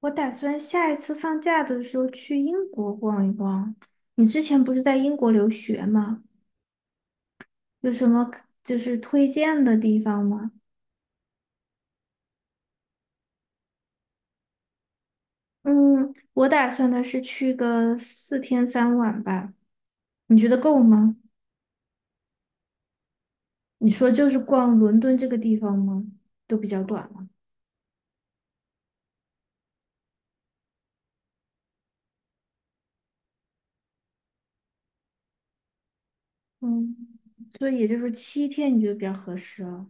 我打算下一次放假的时候去英国逛一逛。你之前不是在英国留学吗？有什么就是推荐的地方吗？嗯，我打算的是去个4天3晚吧。你觉得够吗？你说就是逛伦敦这个地方吗？都比较短了。嗯，所以也就是说7天，你觉得比较合适了。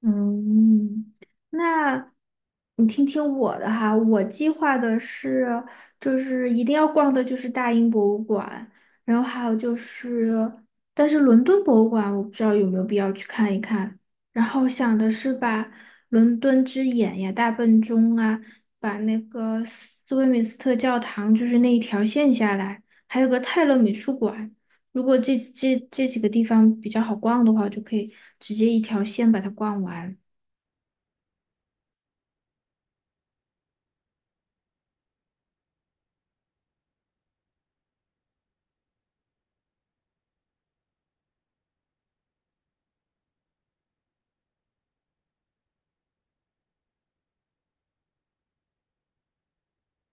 嗯，那你听听我的哈，我计划的是，就是一定要逛的就是大英博物馆，然后还有就是，但是伦敦博物馆我不知道有没有必要去看一看。然后想的是把伦敦之眼呀、大笨钟啊，把那个斯威敏斯特教堂就是那一条线下来，还有个泰勒美术馆。如果这几个地方比较好逛的话，就可以直接一条线把它逛完。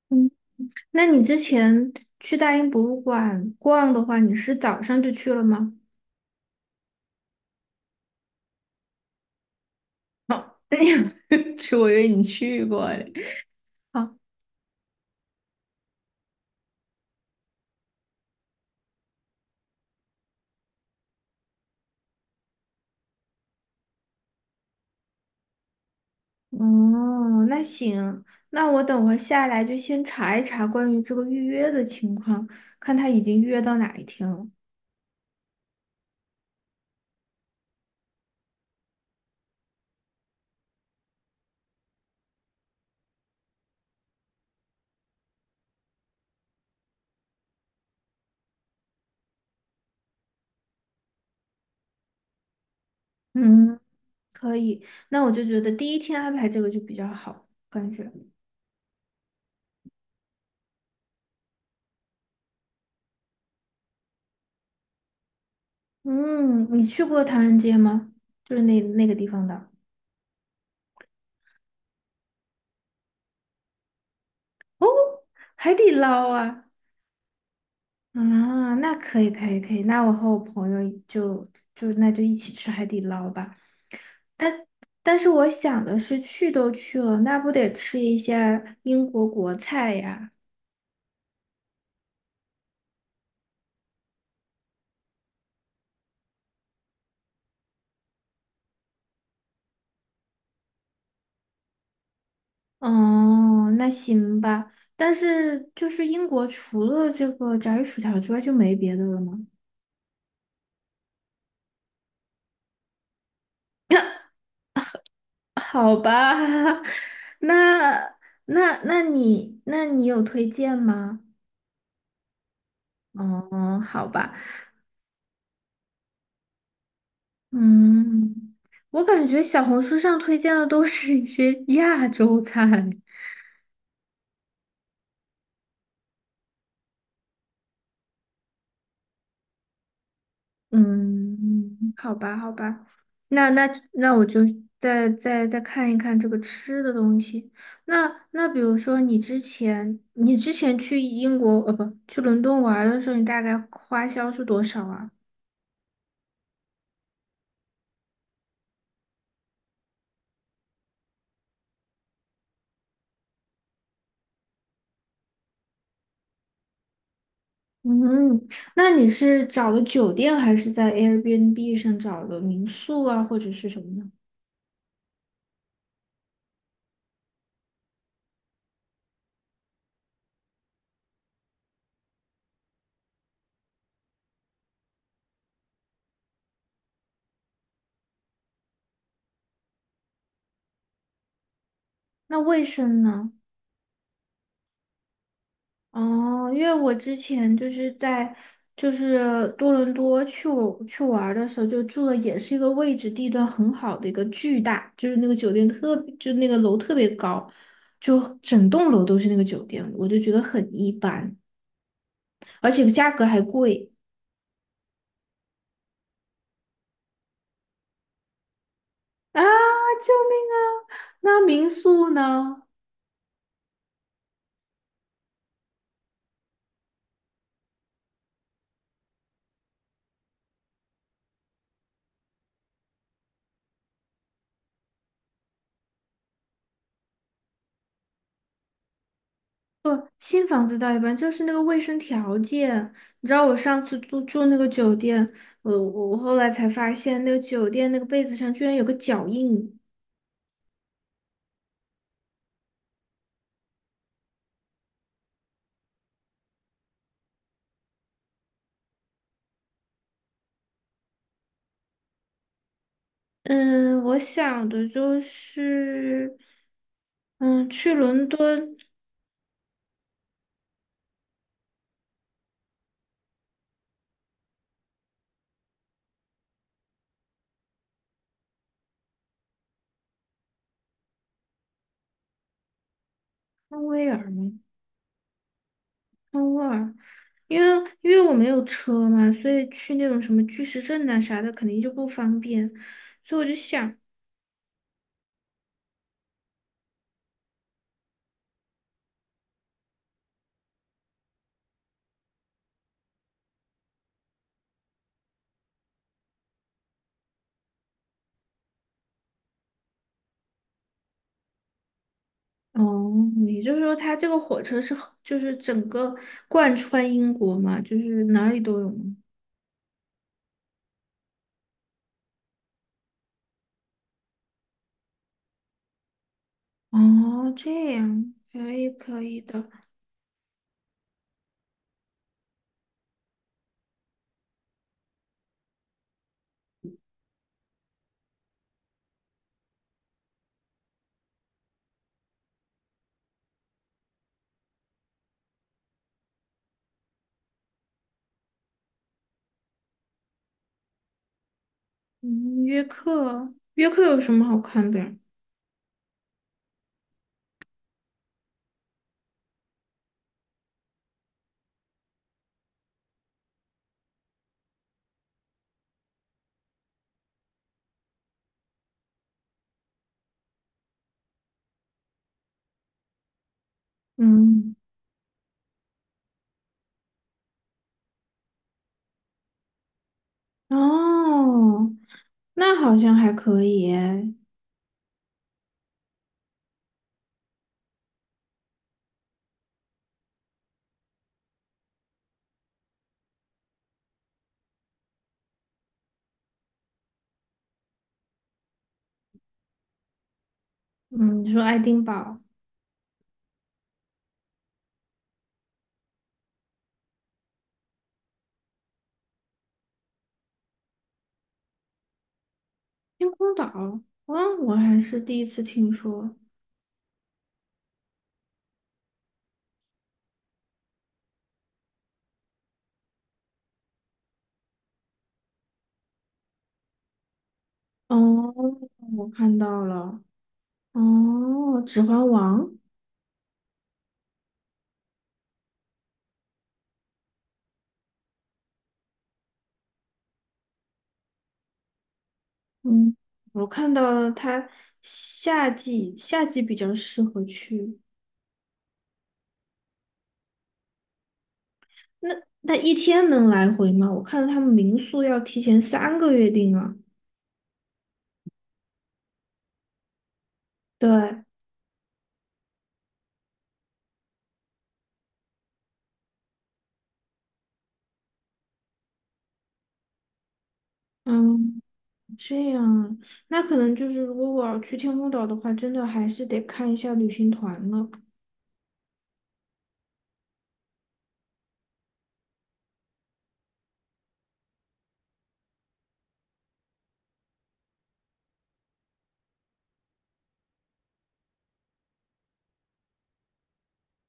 嗯，那你之前去大英博物馆逛的话，你是早上就去了吗？哦，去，是我以为你去过嘞。好，哦，那行，那我等会儿下来就先查一查关于这个预约的情况，看他已经预约到哪一天了。嗯，可以，那我就觉得第一天安排这个就比较好，感觉。嗯，你去过唐人街吗？就是那那个地方的海底捞啊啊，那可以可以可以，那我和我朋友就就一起吃海底捞吧。但但是我想的是，去都去了，那不得吃一下英国国菜呀？哦，那行吧。但是就是英国除了这个炸鱼薯条之外就没别的了吗？好吧，那那你那你有推荐吗？哦，好吧，嗯，我感觉小红书上推荐的都是一些 亚洲菜，嗯，好吧，好吧，那那我就再看一看这个吃的东西。那比如说你之前去英国不去伦敦玩儿的时候，你大概花销是多少啊？嗯，那你是找的酒店还是在 Airbnb 上找的民宿啊，或者是什么呢？那卫生呢？哦，因为我之前就是在多伦多去我去玩儿的时候，就住的也是一个位置地段很好的一个巨大，就是那个酒店特别就那个楼特别高，就整栋楼都是那个酒店，我就觉得很一般，而且价格还贵。啊！救命啊！那民宿呢？不，新房子倒一般，就是那个卫生条件。你知道我上次住那个酒店，我后来才发现，那个酒店那个被子上居然有个脚印。嗯，我想的就是，嗯，去伦敦康威尔吗？康沃尔，因为因为我没有车嘛，所以去那种什么巨石阵呐、啥的肯定就不方便，所以我就想。哦，也就是说，它这个火车是很就是整个贯穿英国嘛，就是哪里都有吗？哦，这样可以可以的。嗯，约克，约克有什么好看的呀？嗯，哦，那好像还可以耶嗯，你说爱丁堡、天空岛，嗯，我还是第一次听说。哦，我看到了。哦，《指环王》。嗯，我看到了它夏季比较适合去。那那一天能来回吗？我看他们民宿要提前3个月订啊。对，嗯，这样啊，那可能就是如果我要去天空岛的话，真的还是得看一下旅行团了。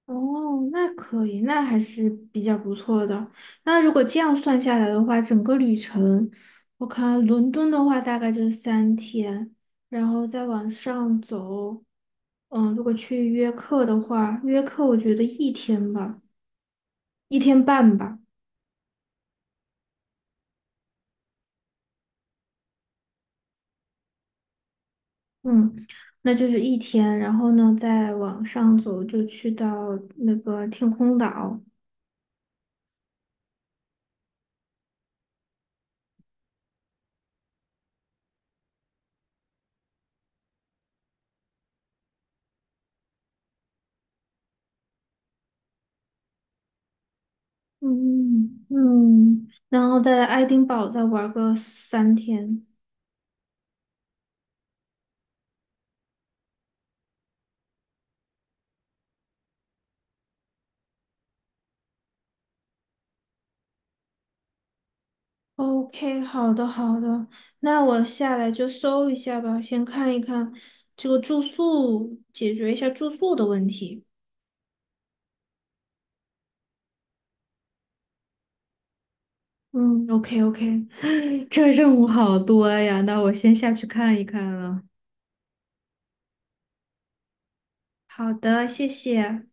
哦，那可以，那还是比较不错的。那如果这样算下来的话，整个旅程，我看伦敦的话大概就是三天，然后再往上走。嗯，如果去约课的话，约课我觉得一天吧，一天半吧，嗯，那就是一天，然后呢，再往上走就去到那个天空岛，嗯嗯，然后在爱丁堡再玩个三天。OK，好的好的，那我下来就搜一下吧，先看一看这个住宿，解决一下住宿的问题。嗯，OK OK。这任务好多呀，那我先下去看一看了。好的，谢谢。